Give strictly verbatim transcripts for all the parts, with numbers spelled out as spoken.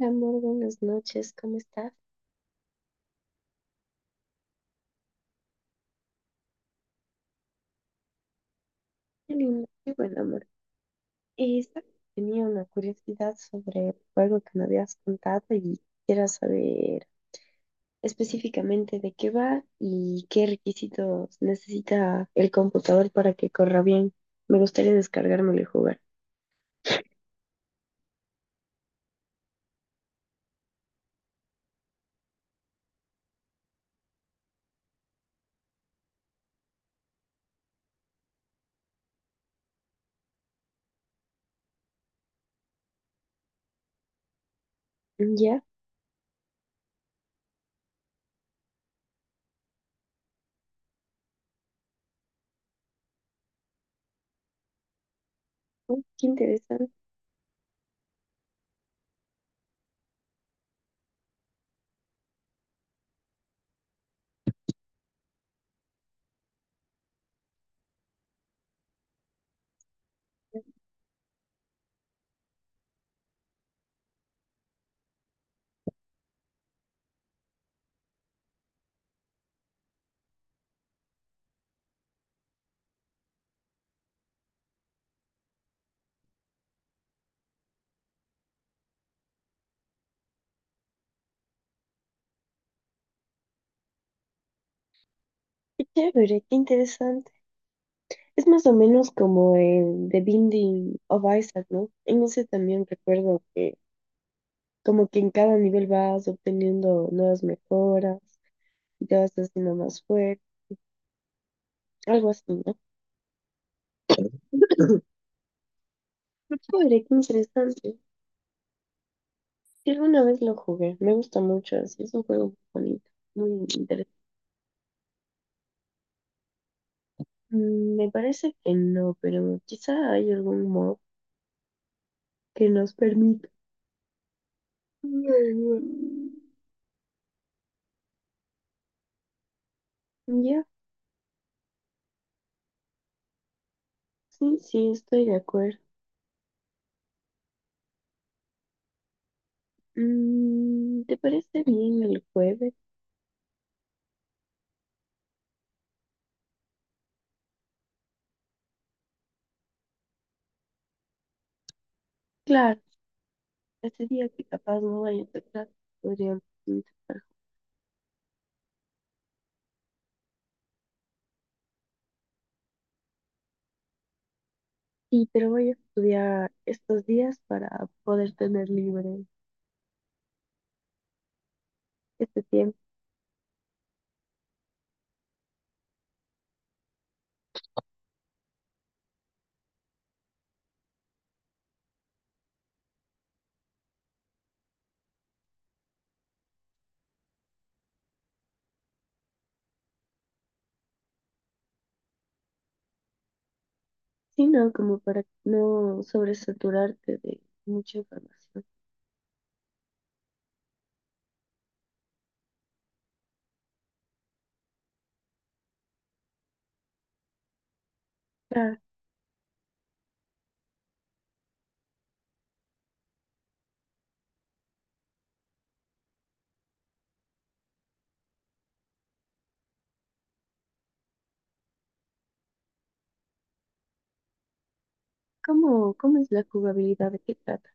Amor, buenas noches, ¿cómo estás? Qué lindo, qué buen amor. Eh, sabes, tenía una curiosidad sobre el juego que me habías contado y quisiera saber específicamente de qué va y qué requisitos necesita el computador para que corra bien. Me gustaría descargármelo y jugar. Mm, ya, oh, qué interesante, qué chévere, qué interesante. Es más o menos como el The Binding of Isaac, ¿no? En ese también recuerdo que como que en cada nivel vas obteniendo nuevas mejoras y te vas haciendo más fuerte, algo así, ¿no? Qué chévere, qué interesante. Sí, alguna vez lo jugué, me gusta mucho, así es un juego muy bonito, muy interesante. Mm, me parece que no, pero quizá hay algún mod que nos permita. Mm, ya, sí, sí, estoy de acuerdo. Mm, ¿te parece bien el jueves? Claro, ese día que capaz no vaya a tocar, podríamos intentar. Sí, pero voy a estudiar estos días para poder tener libre este tiempo. Sí, no, como para no sobresaturarte de mucha información. Ah, ¿cómo, cómo es la jugabilidad? ¿De qué trata?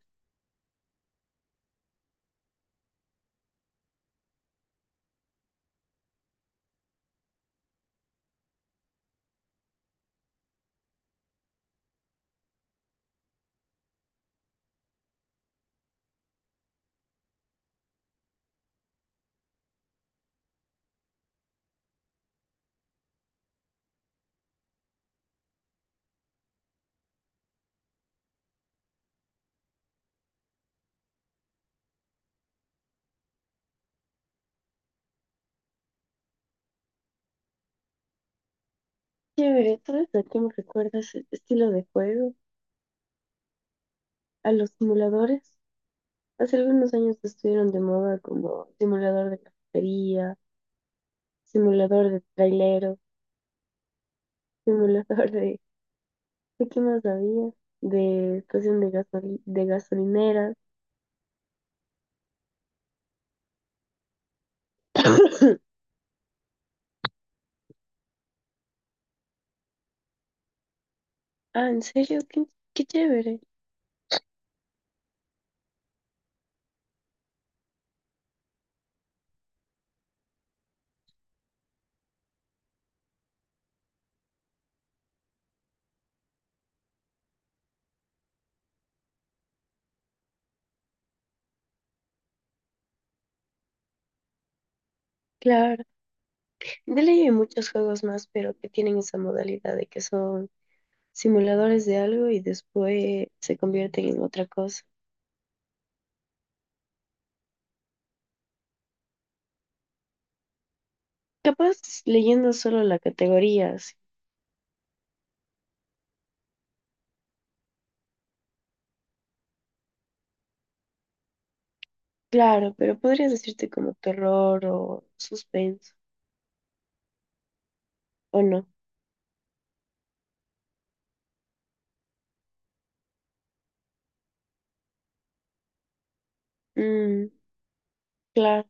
Chévere, ¿tú eres la que me recuerdas este estilo de juego? ¿A los simuladores? Hace algunos años estuvieron de moda como simulador de cafetería, simulador de trailero, simulador de... ¿De qué más había? De estación de gasoli- de gasolineras. Ah, ¿en serio? Qué, qué chévere. Claro. De ley hay muchos juegos más, pero que tienen esa modalidad de que son simuladores de algo y después se convierten en otra cosa. Capaz leyendo solo la categoría, sí. Claro, pero podría decirte como terror o suspenso, ¿o no? Mm, claro.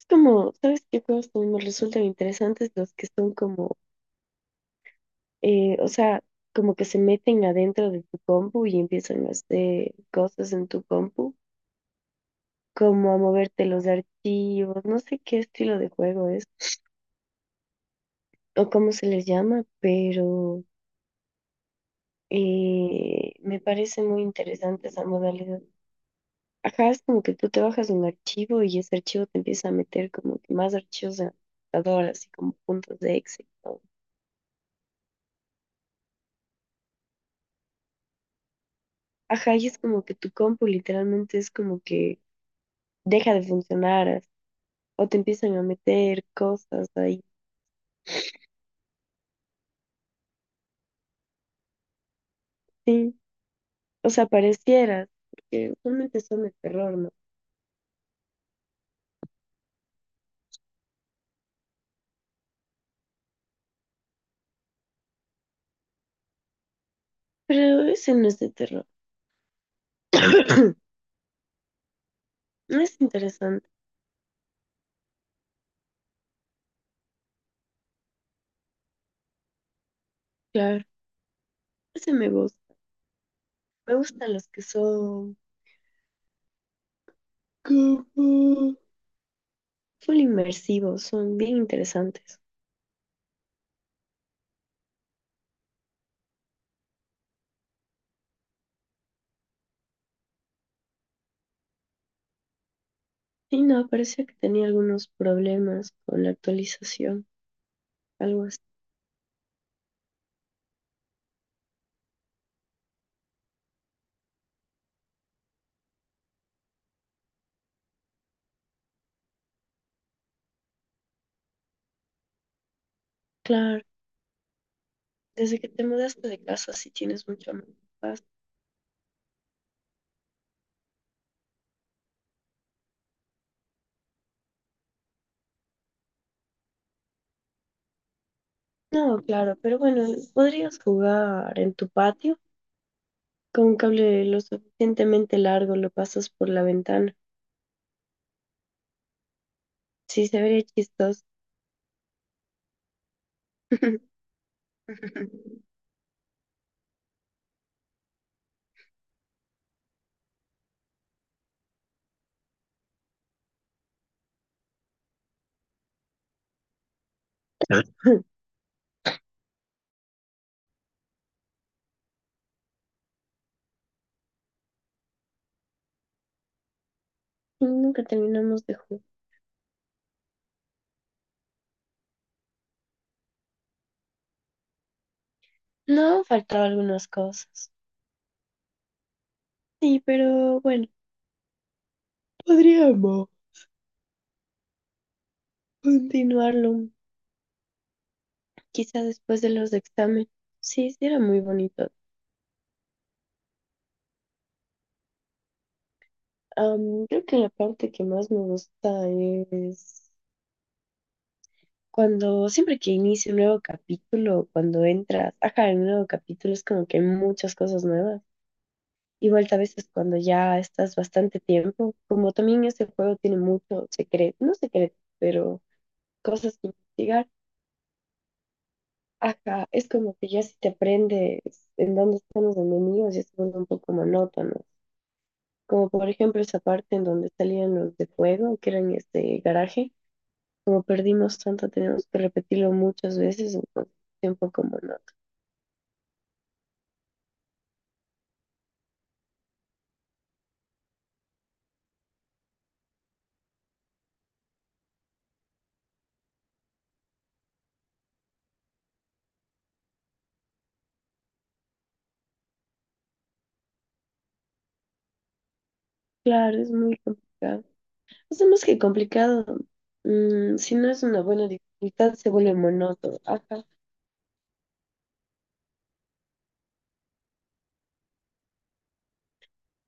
Es como, ¿sabes qué juegos también me resultan interesantes? Los que son como, eh, o sea, como que se meten adentro de tu compu y empiezan a hacer cosas en tu compu, como a moverte los archivos, no sé qué estilo de juego es o cómo se les llama, pero eh, me parece muy interesante esa modalidad. Ajá, es como que tú te bajas un archivo y ese archivo te empieza a meter como que más archivos de computadora, así como puntos de Excel, ¿no? Ajá, y es como que tu compu literalmente es como que deja de funcionar as- o te empiezan a meter cosas ahí. Sí, o sea, parecieras, porque usualmente son de terror, ¿no? Pero ese no es de terror. No es interesante, claro. Ese me gusta. Me gustan los que son como full inmersivos, son bien interesantes. Y no, parecía que tenía algunos problemas con la actualización, algo así. Claro, desde que te mudaste de casa sí tienes mucho más paz. No, claro, pero bueno, podrías jugar en tu patio con un cable lo suficientemente largo, lo pasas por la ventana. Sí, se vería chistoso. Nunca terminamos de jugar. No, faltaba algunas cosas. Sí, pero bueno, podríamos continuarlo quizá después de los exámenes. Sí, sí, era muy bonito. Am, creo que la parte que más me gusta es cuando, siempre que inicia un nuevo capítulo, cuando entras, ajá, en un nuevo capítulo es como que hay muchas cosas nuevas. Igual a veces cuando ya estás bastante tiempo, como también este juego tiene mucho secreto, no secreto, pero cosas que investigar. Ajá, es como que ya si te aprendes en dónde están los enemigos, ya se vuelve un poco monótono. Como por ejemplo esa parte en donde salían los de fuego, que eran este garaje. Como perdimos tanto, tenemos que repetirlo muchas veces, entonces es un poco monótono. Claro, es muy complicado. O sea, más que complicado, mm, si no es una buena dificultad, se vuelve monótono. Ajá.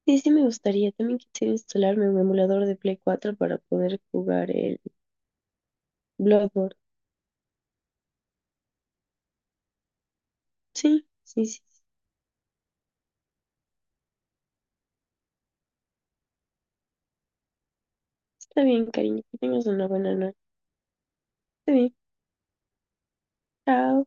Sí, sí me gustaría. También quisiera instalarme un emulador de Play cuatro para poder jugar el Bloodborne. Sí, sí, sí, sí. Está bien, cariño. Que tengas una buena noche. Está bien. Chao.